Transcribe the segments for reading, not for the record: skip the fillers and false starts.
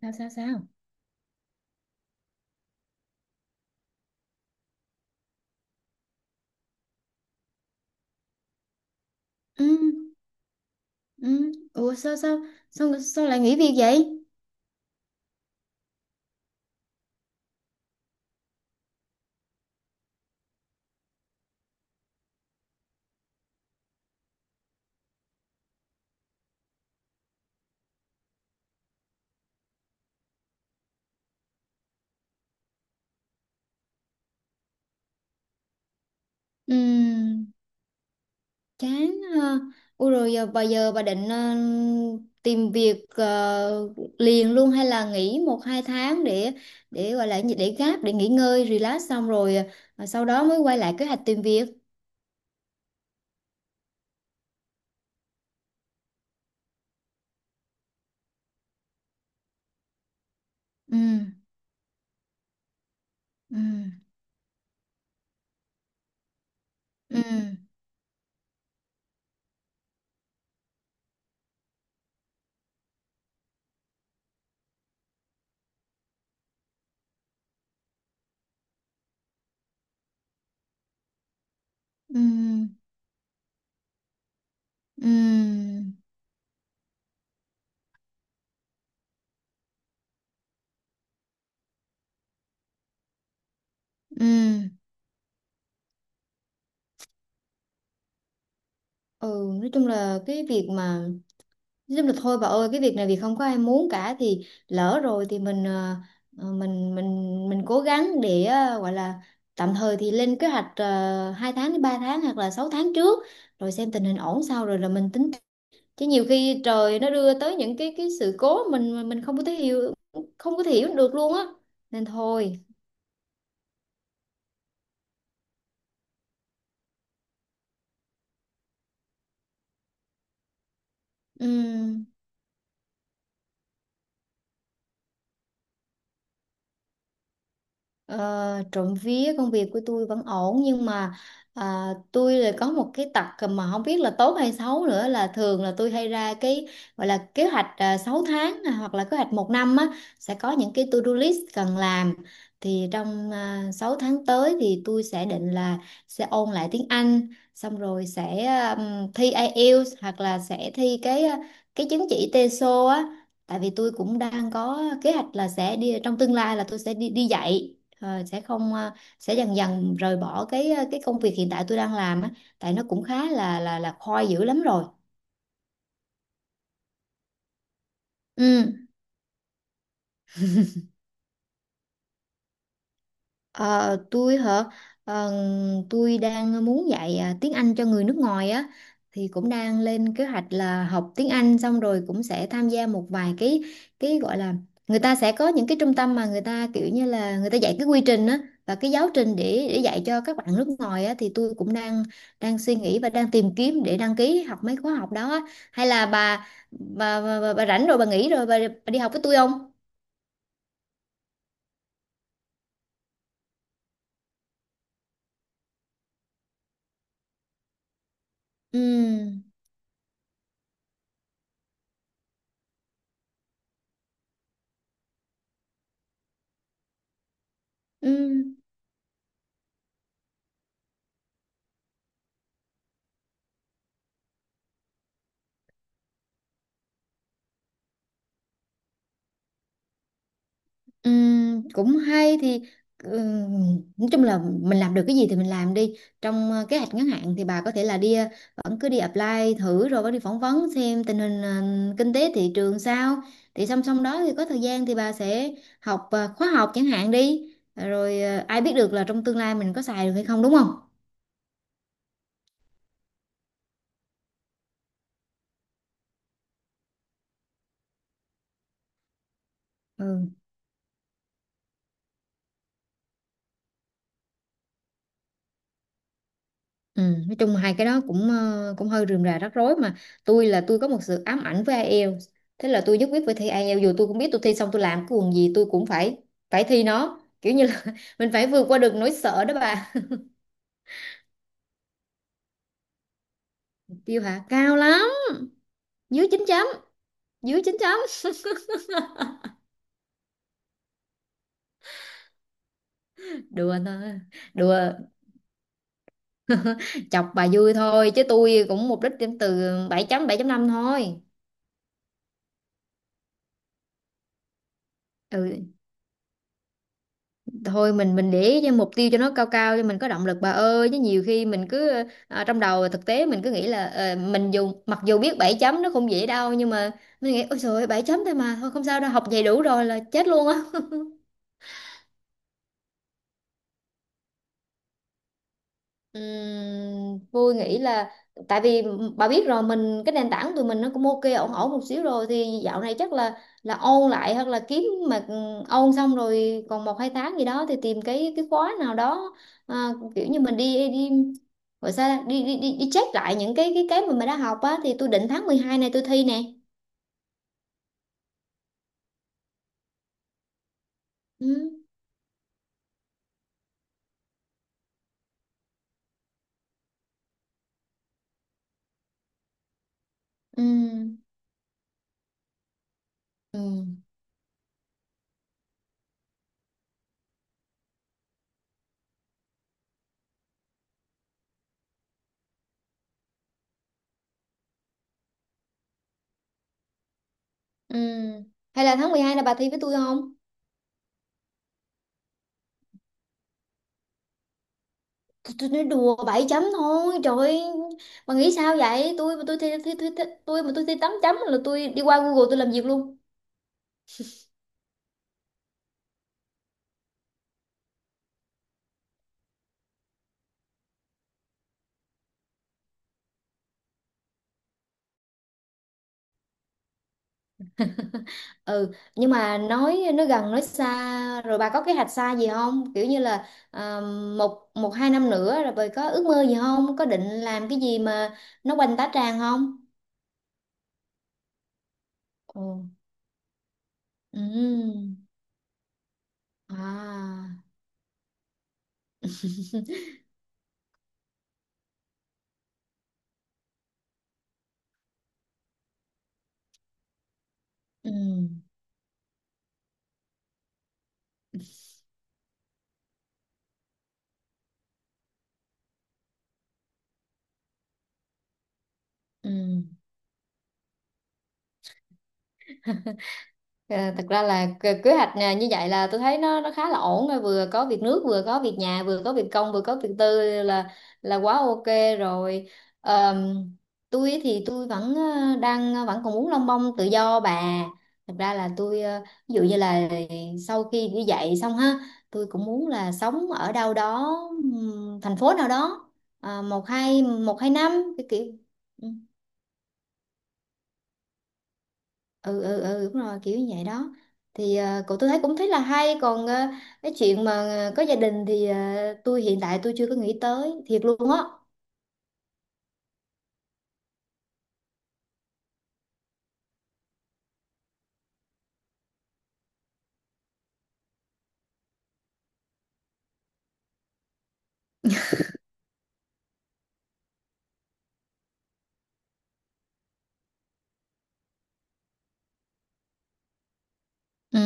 Sao sao sao Ừ, ừ, ủa sao sao sao sao lại nghỉ việc vậy? Ừ, chán ha. Ủa rồi giờ bà định tìm việc, liền luôn hay là nghỉ một hai tháng để gọi là gì, để gáp để nghỉ ngơi relax xong rồi, sau đó mới quay lại kế hoạch tìm việc. Ừ. Ừ. Ừ. Ừ. Ừ. Ừ. Ừ. Nói chung là thôi bà ơi, cái việc này vì không có ai muốn cả thì lỡ rồi thì mình, mình cố gắng để, gọi là tạm thời thì lên kế hoạch, 2 tháng đến 3 tháng hoặc là 6 tháng trước, rồi xem tình hình ổn sau rồi là mình tính. Chứ nhiều khi trời nó đưa tới những cái sự cố mình không có thể hiểu được luôn á, nên thôi. Ừ. Ờ, trộm vía công việc của tôi vẫn ổn, nhưng mà tôi là có một cái tật mà không biết là tốt hay xấu nữa, là thường là tôi hay ra cái gọi là kế hoạch 6 tháng, hoặc là kế hoạch một năm á, sẽ có những cái to-do list cần làm. Thì trong 6 tháng tới thì tôi sẽ định là sẽ ôn lại tiếng Anh, xong rồi sẽ thi IELTS, hoặc là sẽ thi cái cái chứng chỉ TESOL á, tại vì tôi cũng đang có kế hoạch là sẽ đi, trong tương lai là tôi sẽ đi đi dạy. Sẽ không, sẽ dần dần rời bỏ cái, cái công việc hiện tại tôi đang làm á, tại nó cũng khá là khoi dữ lắm rồi. Ừ. Ờ, tôi hả? Ờ, tôi đang muốn dạy, tiếng Anh cho người nước ngoài á, thì cũng đang lên kế hoạch là học tiếng Anh xong rồi cũng sẽ tham gia một vài cái, gọi là, người ta sẽ có những cái trung tâm mà người ta kiểu như là người ta dạy cái quy trình á, và cái giáo trình để dạy cho các bạn nước ngoài á, thì tôi cũng đang đang suy nghĩ và đang tìm kiếm để đăng ký học mấy khóa học đó á. Hay là bà rảnh rồi bà nghỉ rồi bà đi học với tôi không? Ừ. Ừ. Cũng hay thì, ừm, nói chung là mình làm được cái gì thì mình làm đi. Trong, kế hoạch ngắn hạn thì bà có thể là vẫn cứ đi apply thử rồi vẫn đi phỏng vấn xem tình hình, kinh tế thị trường sao. Thì song song đó thì có thời gian thì bà sẽ học, khóa học chẳng hạn đi. Rồi ai biết được là trong tương lai mình có xài được hay không, đúng không? Ừ. Ừ, nói chung hai cái đó cũng, cũng hơi rườm rà rắc rối. Mà tôi là tôi có một sự ám ảnh với IELTS, thế là tôi nhất quyết phải thi IELTS, dù tôi cũng biết tôi thi xong tôi làm cái quần gì tôi cũng phải phải thi nó, kiểu như là mình phải vượt qua được nỗi sợ đó bà. Tiêu hả? Cao lắm. Dưới chín chấm. Dưới chín chấm. Đùa thôi. Đùa chọc bà vui thôi, chứ tôi cũng mục đích điểm từ 7 chấm, bảy chấm năm thôi. Ừ, thôi mình để ý cho mục tiêu cho nó cao cao cho mình có động lực bà ơi, chứ nhiều khi mình cứ, trong đầu thực tế mình cứ nghĩ là, mình dù mặc dù biết 7 chấm nó không dễ đâu, nhưng mà mình nghĩ ôi trời ơi, 7 chấm thôi mà, thôi không sao đâu học vậy đủ rồi là chết luôn á. Vui nghĩ là, tại vì bà biết rồi, mình cái nền tảng tụi mình nó cũng ok ổn ổn một xíu rồi, thì dạo này chắc là ôn lại hoặc là kiếm, mà ôn xong rồi còn một hai tháng gì đó thì tìm cái khóa nào đó, kiểu như mình đi đi gọi sao ta? Đi check lại những cái mà mình đã học á, thì tôi định tháng 12 này tôi thi nè. Ừ. Ừ. Ừ. Ừ. Hay là tháng 12 là bà thi với tôi không? Tôi nói đùa 7 chấm thôi trời ơi, bà nghĩ sao vậy? Tôi mà tôi thi 8 chấm là tôi đi qua Google tôi làm việc luôn. Ừ. Nhưng mà nói gần nói xa rồi bà có kế hoạch xa gì không, kiểu như là, một một hai năm nữa rồi bà có ước mơ gì không, có định làm cái gì mà nó quanh tá tràng không? Ừ. Ừ. À. Ừ. Ừ. À, thật ra là kế kế hoạch nè, như vậy là tôi thấy nó khá là ổn rồi, vừa có việc nước vừa có việc nhà vừa có việc công vừa có việc tư là quá ok rồi. Ờm, tôi thì tôi vẫn, vẫn còn muốn lông bông tự do bà. Thật ra là ví dụ như là sau khi đi dạy xong ha, tôi cũng muốn là sống ở đâu đó, thành phố nào đó, một hai năm cái kiểu. Ừ. Ừ, ừ, ừ, đúng rồi kiểu như vậy đó. Thì, cậu tôi thấy cũng thấy là hay, còn, cái chuyện mà, có gia đình thì, tôi hiện tại tôi chưa có nghĩ tới thiệt luôn á. Ừ,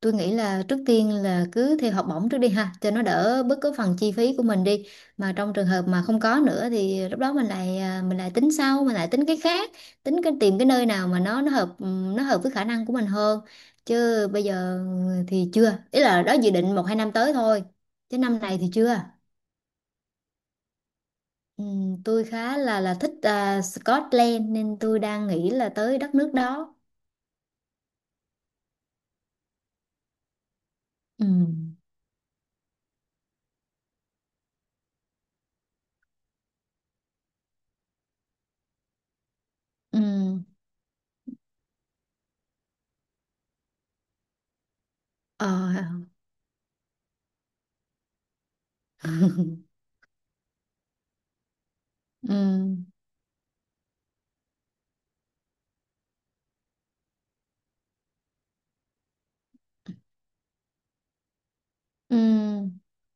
tôi nghĩ là trước tiên là cứ theo học bổng trước đi ha, cho nó đỡ bớt cái phần chi phí của mình đi. Mà trong trường hợp mà không có nữa thì lúc đó mình lại tính sau, mình lại tính cái khác, tính cái tìm cái nơi nào mà nó hợp với khả năng của mình hơn. Chứ bây giờ thì chưa, ý là đó dự định một hai năm tới thôi, chứ năm này thì chưa. Ừ, tôi khá là thích, Scotland nên tôi đang nghĩ là tới đất nước đó. Ừ. Ừ. Ờ. Ừ. Ừ.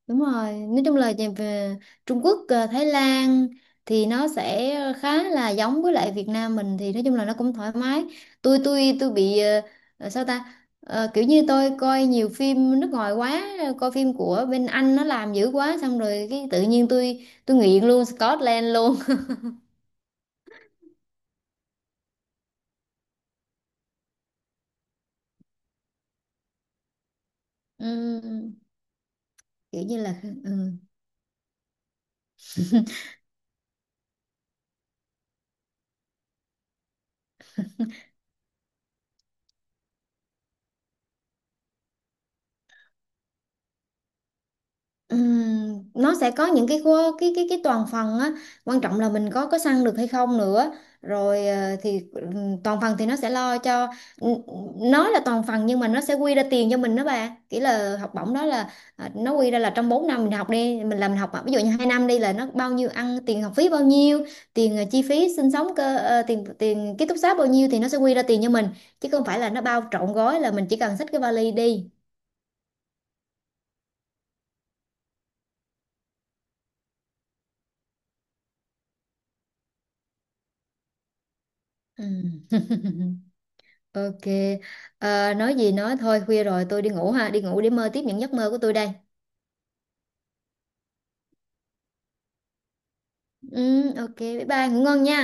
Đúng rồi. Nói chung là về về Trung Quốc, à, Thái Lan thì nó sẽ khá là giống với lại Việt Nam mình, thì nói chung là nó cũng thoải mái. Tôi bị, sao ta? Kiểu như tôi coi nhiều phim nước ngoài quá, coi phim của bên Anh nó làm dữ quá xong rồi cái tự nhiên tôi nghiện luôn Scotland luôn. Ừ, kiểu như là, ừ. Nó sẽ có những cái khu- cái toàn phần á, quan trọng là mình có săn được hay không nữa. Rồi, thì, toàn phần thì nó sẽ lo cho, nó là toàn phần nhưng mà nó sẽ quy ra tiền cho mình đó bà, kiểu là học bổng đó là, nó quy ra là trong 4 năm mình học, đi mình làm mình học, à ví dụ như hai năm đi là nó bao nhiêu, ăn tiền học phí bao nhiêu tiền, chi phí sinh sống cơ, tiền tiền ký túc xá bao nhiêu thì nó sẽ quy ra tiền cho mình, chứ không phải là nó bao trọn gói là mình chỉ cần xách cái vali đi. Ừm. Ok, nói gì nói thôi khuya rồi tôi đi ngủ ha, đi ngủ để mơ tiếp những giấc mơ của tôi đây. Ừ, ok, bye bye, ngủ ngon nha.